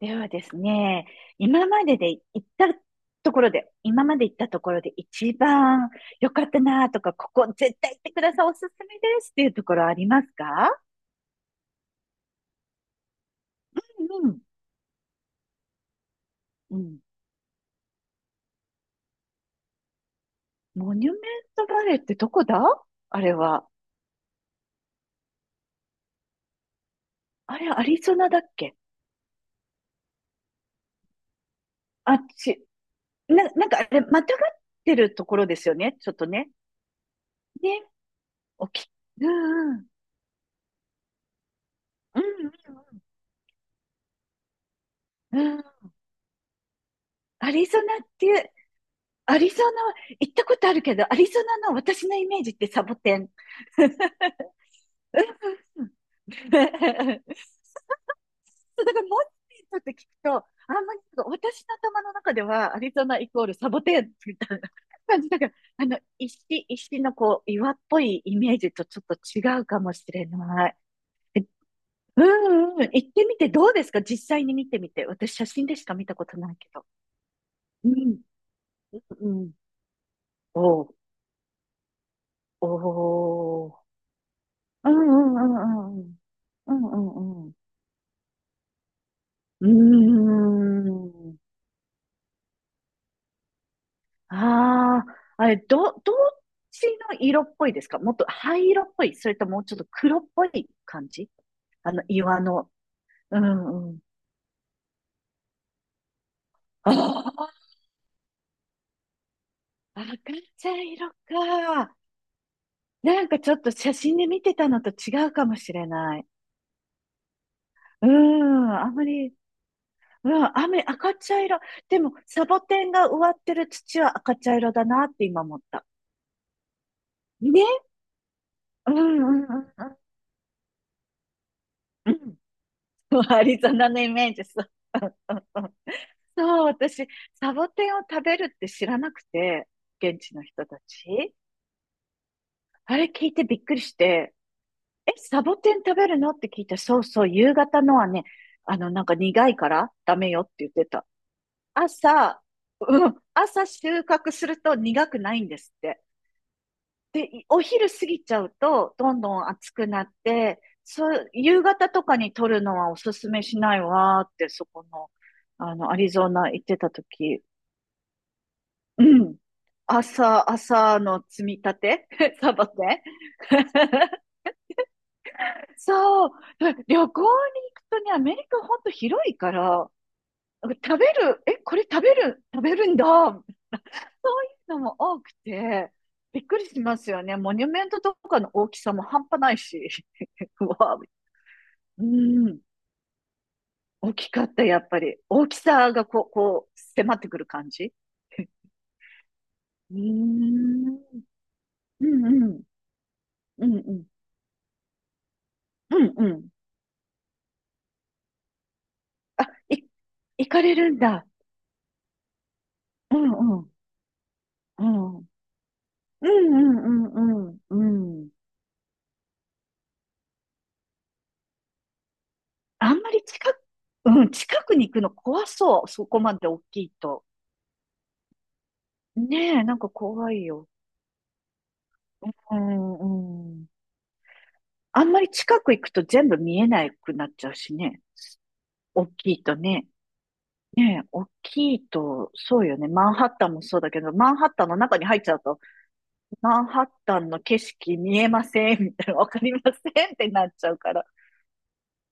ではですね、今までで行ったところで、今まで行ったところで一番良かったなとか、ここ絶対行ってください、おすすめですっていうところありますか？うん、うん。モニュメントバレーってどこだあれは。あれ、アリゾナだっけ？あっち、なんかあれ、またがってるところですよね、ちょっとね。ね、おき、うん、うん、うん、うん。うん。アリゾナっていう、アリゾナは行ったことあるけど、アリゾナの私のイメージってサボテン。だから、モニーとって聞くと、あんまりなんか私の頭の中ではアリゾナイコールサボテンみたいな感じだから、石、石のこう、岩っぽいイメージとちょっと違うかもしれない。え、うんうんうん、行ってみてどうですか？実際に見てみて。私写真でしか見たことないけど。うん、うん。おう、おう、うんうんうんうん。うんうんうん。うーん。ああ、あれ、どっちの色っぽいですか？もっと灰色っぽいそれともうちょっと黒っぽい感じ？あの、岩の。うんうん。ああ、赤茶色か。なんかちょっと写真で見てたのと違うかもしれない。うん、あんまり、うん、雨、赤茶色。でも、サボテンが植わってる土は赤茶色だなって今思った。ね、うんうんうんうん。うん。 アリゾナのイメージ、そう。うんうんうん。そう、私、サボテンを食べるって知らなくて、現地の人たち。あれ聞いてびっくりして、え、サボテン食べるのって聞いたら、そうそう、夕方のはね、あの、なんか苦いからダメよって言ってた。朝、うん、朝収穫すると苦くないんですって。で、お昼過ぎちゃうと、どんどん暑くなって、そう、夕方とかに撮るのはおすすめしないわーって、そこの、あの、アリゾナ行ってた時。うん。朝、朝の積み立て サボテン。 そう。旅行に行くとね、アメリカほんと広いから、食べる、え、これ食べる、食べるんだ、そういうのも多くて、びっくりしますよね。モニュメントとかの大きさも半端ないし。うわ、うん。大きかった、やっぱり。大きさがこう、こう、迫ってくる感じ。うーん。うんうん。うんうん。うんうん。あ、い、行かれるんだ。うんうん。うん。うんうんうんうん。うん。あんまり近く、うん、近くに行くの怖そう。そこまで大きいと。ねえ、なんか怖いよ。うん、うん。あんまり近く行くと全部見えなくなっちゃうしね。大きいとね。ねえ、大きいと、そうよね。マンハッタンもそうだけど、マンハッタンの中に入っちゃうと、マンハッタンの景色見えませんみたいな、わかりませんってなっちゃうから。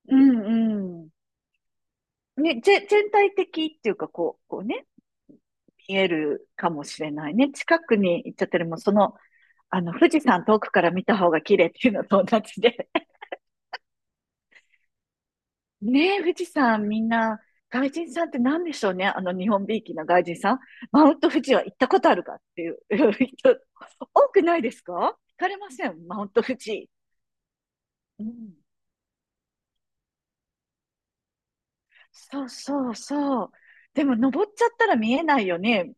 うんうん。ね、全体的っていうか、こう、こうね、見えるかもしれないね。近くに行っちゃってるもん、その、あの、富士山遠くから見た方が綺麗っていうのと同じで。ねえ、富士山みんな、外人さんって何でしょうね。あの日本びいきな外人さん。マウント富士は行ったことあるかっていう 人、多くないですか？聞かれません、マウント富士。うん。そうそうそう。でも登っちゃったら見えないよね。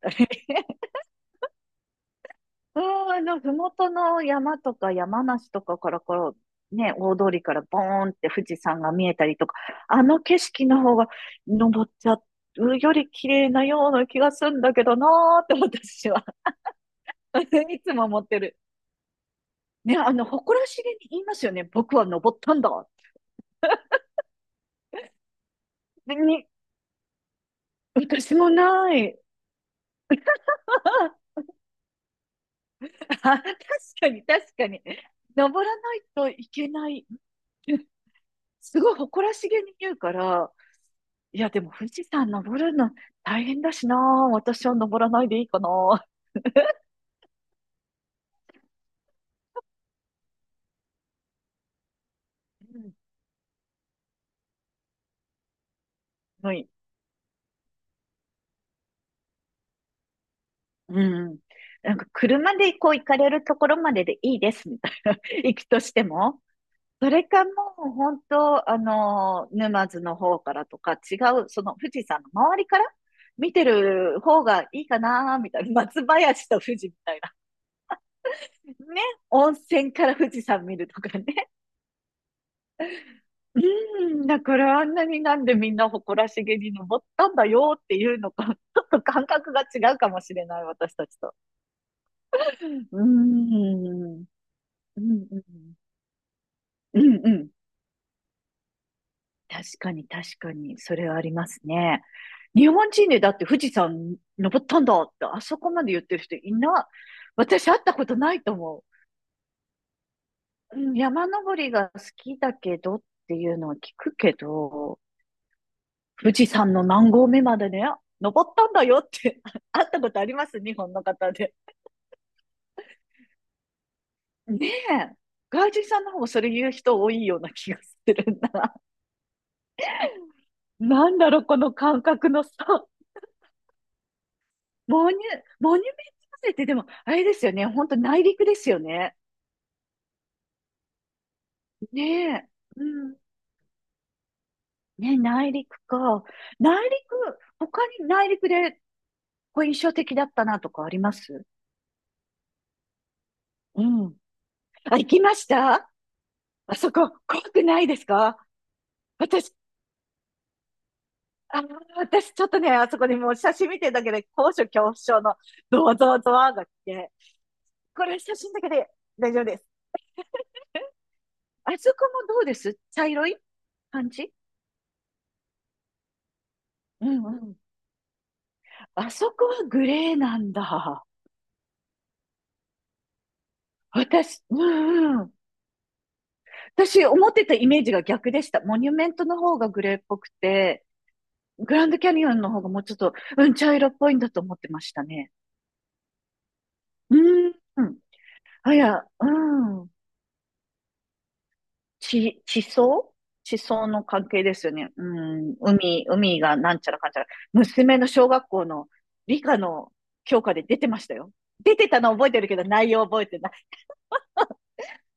うん、あの、ふもとの山とか山梨とかからこう、ね、大通りからボーンって富士山が見えたりとか、あの景色の方が登っちゃうより綺麗なような気がするんだけどなーって私は いつも持ってる。ね、あの、誇らしげに言いますよね。僕は登ったんだ。でに、私もない。あ、確かに、確かに。登らないといけない。すごい誇らしげに言うから、いや、でも富士山登るの大変だしな。私は登らないでいいかな。うん。はい。うん。なんか、車でこう行かれるところまででいいです、みたいな。行くとしても。それかもう本当、あの、沼津の方からとか違う、その富士山の周りから見てる方がいいかな、みたいな。松林と富士みたいな。ね。温泉から富士山見るとかね。うん。だからあんなになんでみんな誇らしげに登ったんだよっていうのか、ちょっと感覚が違うかもしれない、私たちと。うん。うんうん。うんうん。確かに確かに、それはありますね。日本人でだって富士山登ったんだって、あそこまで言ってる人いな、私会ったことないと思う。うん、山登りが好きだけどっていうのは聞くけど、富士山の何合目までね、登ったんだよって 会ったことあります日本の方で。ねえ。外人さんの方もそれ言う人多いような気がするな。なんだろう、この感覚の差。モニュ、モニュメント遺跡ってでも、あれですよね。本当内陸ですよね。ねえ。うん。ね、内陸か。内陸、他に内陸でこう印象的だったなとかあります？うん。あ、行きました？あそこ、怖くないですか？私、あー、私ちょっとね、あそこにもう写真見てるだけで高所恐怖症のドワドワドワが来て、これ写真だけで大丈夫です。あそこもどうです？茶色い感じ？うんうん。あそこはグレーなんだ。私、うんうん。私、思ってたイメージが逆でした。モニュメントの方がグレーっぽくて、グランドキャニオンの方がもうちょっと、うん、茶色っぽいんだと思ってましたね。うん。うん。あ、いや、うん。地層、地層の関係ですよね。うん。海、海がなんちゃらかんちゃら。娘の小学校の理科の教科で出てましたよ。出てたの覚えてるけど、内容覚えてない。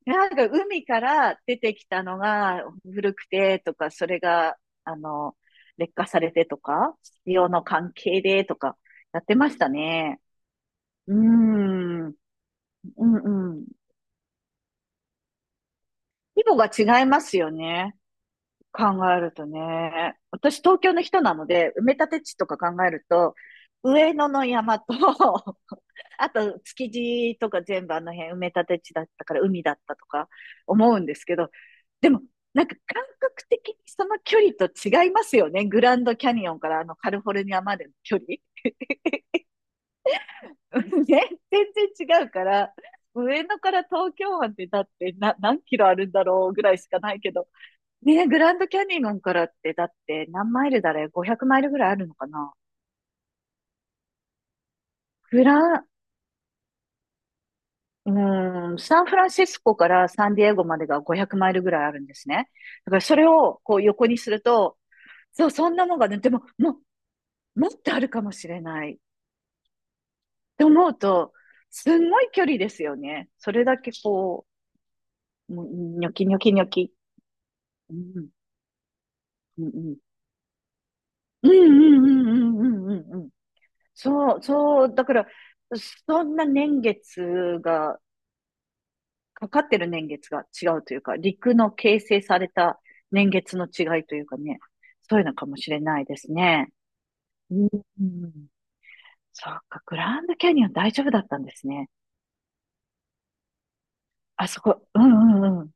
なんか海から出てきたのが古くてとか、それが、あの、劣化されてとか、潮の関係でとか、やってましたね。うーん、うんうん。規模が違いますよね。考えるとね。私、東京の人なので、埋め立て地とか考えると、上野の山と あと、築地とか全部あの辺埋め立て地だったから海だったとか思うんですけど、でも、なんか感覚的にその距離と違いますよね。グランドキャニオンからあのカリフォルニアまでの距離。 ね、全然違うから、上野から東京湾ってだってな何キロあるんだろうぐらいしかないけど、ね、グランドキャニオンからってだって何マイルだれ？ 500 マイルぐらいあるのかな？グラ、うん、サンフランシスコからサンディエゴまでが500マイルぐらいあるんですね。だからそれをこう横にすると、そう、そんなのがね、でも、ももっとあるかもしれないって思うと、すんごい距離ですよね。それだけこう、もうニョキニョキニョキ。うん、うん、うん、うん、うん、うん、うん、うん。うん。そう、そう、だから、そんな年月がかかってる年月が違うというか、陸の形成された年月の違いというかね、そういうのかもしれないですね。うん。そうか、グランドキャニオン大丈夫だったんですね。あそこ、うんうんうん。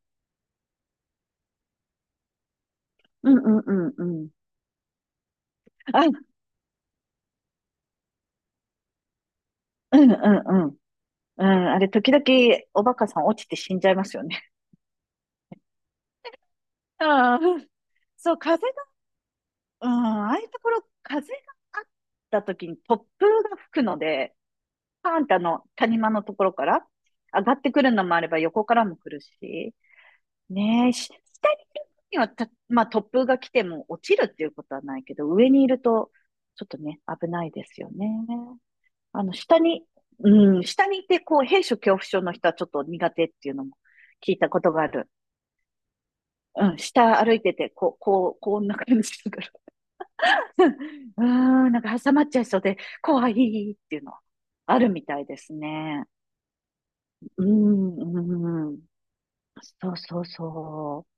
うんうんうんうん。あ、うんうんうん。うん、あれ、時々おバカさん落ちて死んじゃいますよね。ああ、そう、風が、うん、ああいうところ、風があった時に突風が吹くので、パーンってあの、谷間のところから上がってくるのもあれば横からも来るし、ねえ、下にいる分にはた、まあ突風が来ても落ちるっていうことはないけど、上にいるとちょっとね、危ないですよね。あの、下に、うん、下にいてこう、閉所恐怖症の人はちょっと苦手っていうのも聞いたことがある。うん、下歩いてて、こう、こう、こんな感じだから。うーん、なんか挟まっちゃいそうで、怖いっていうのはあるみたいですね。うん、うん。そうそうそう。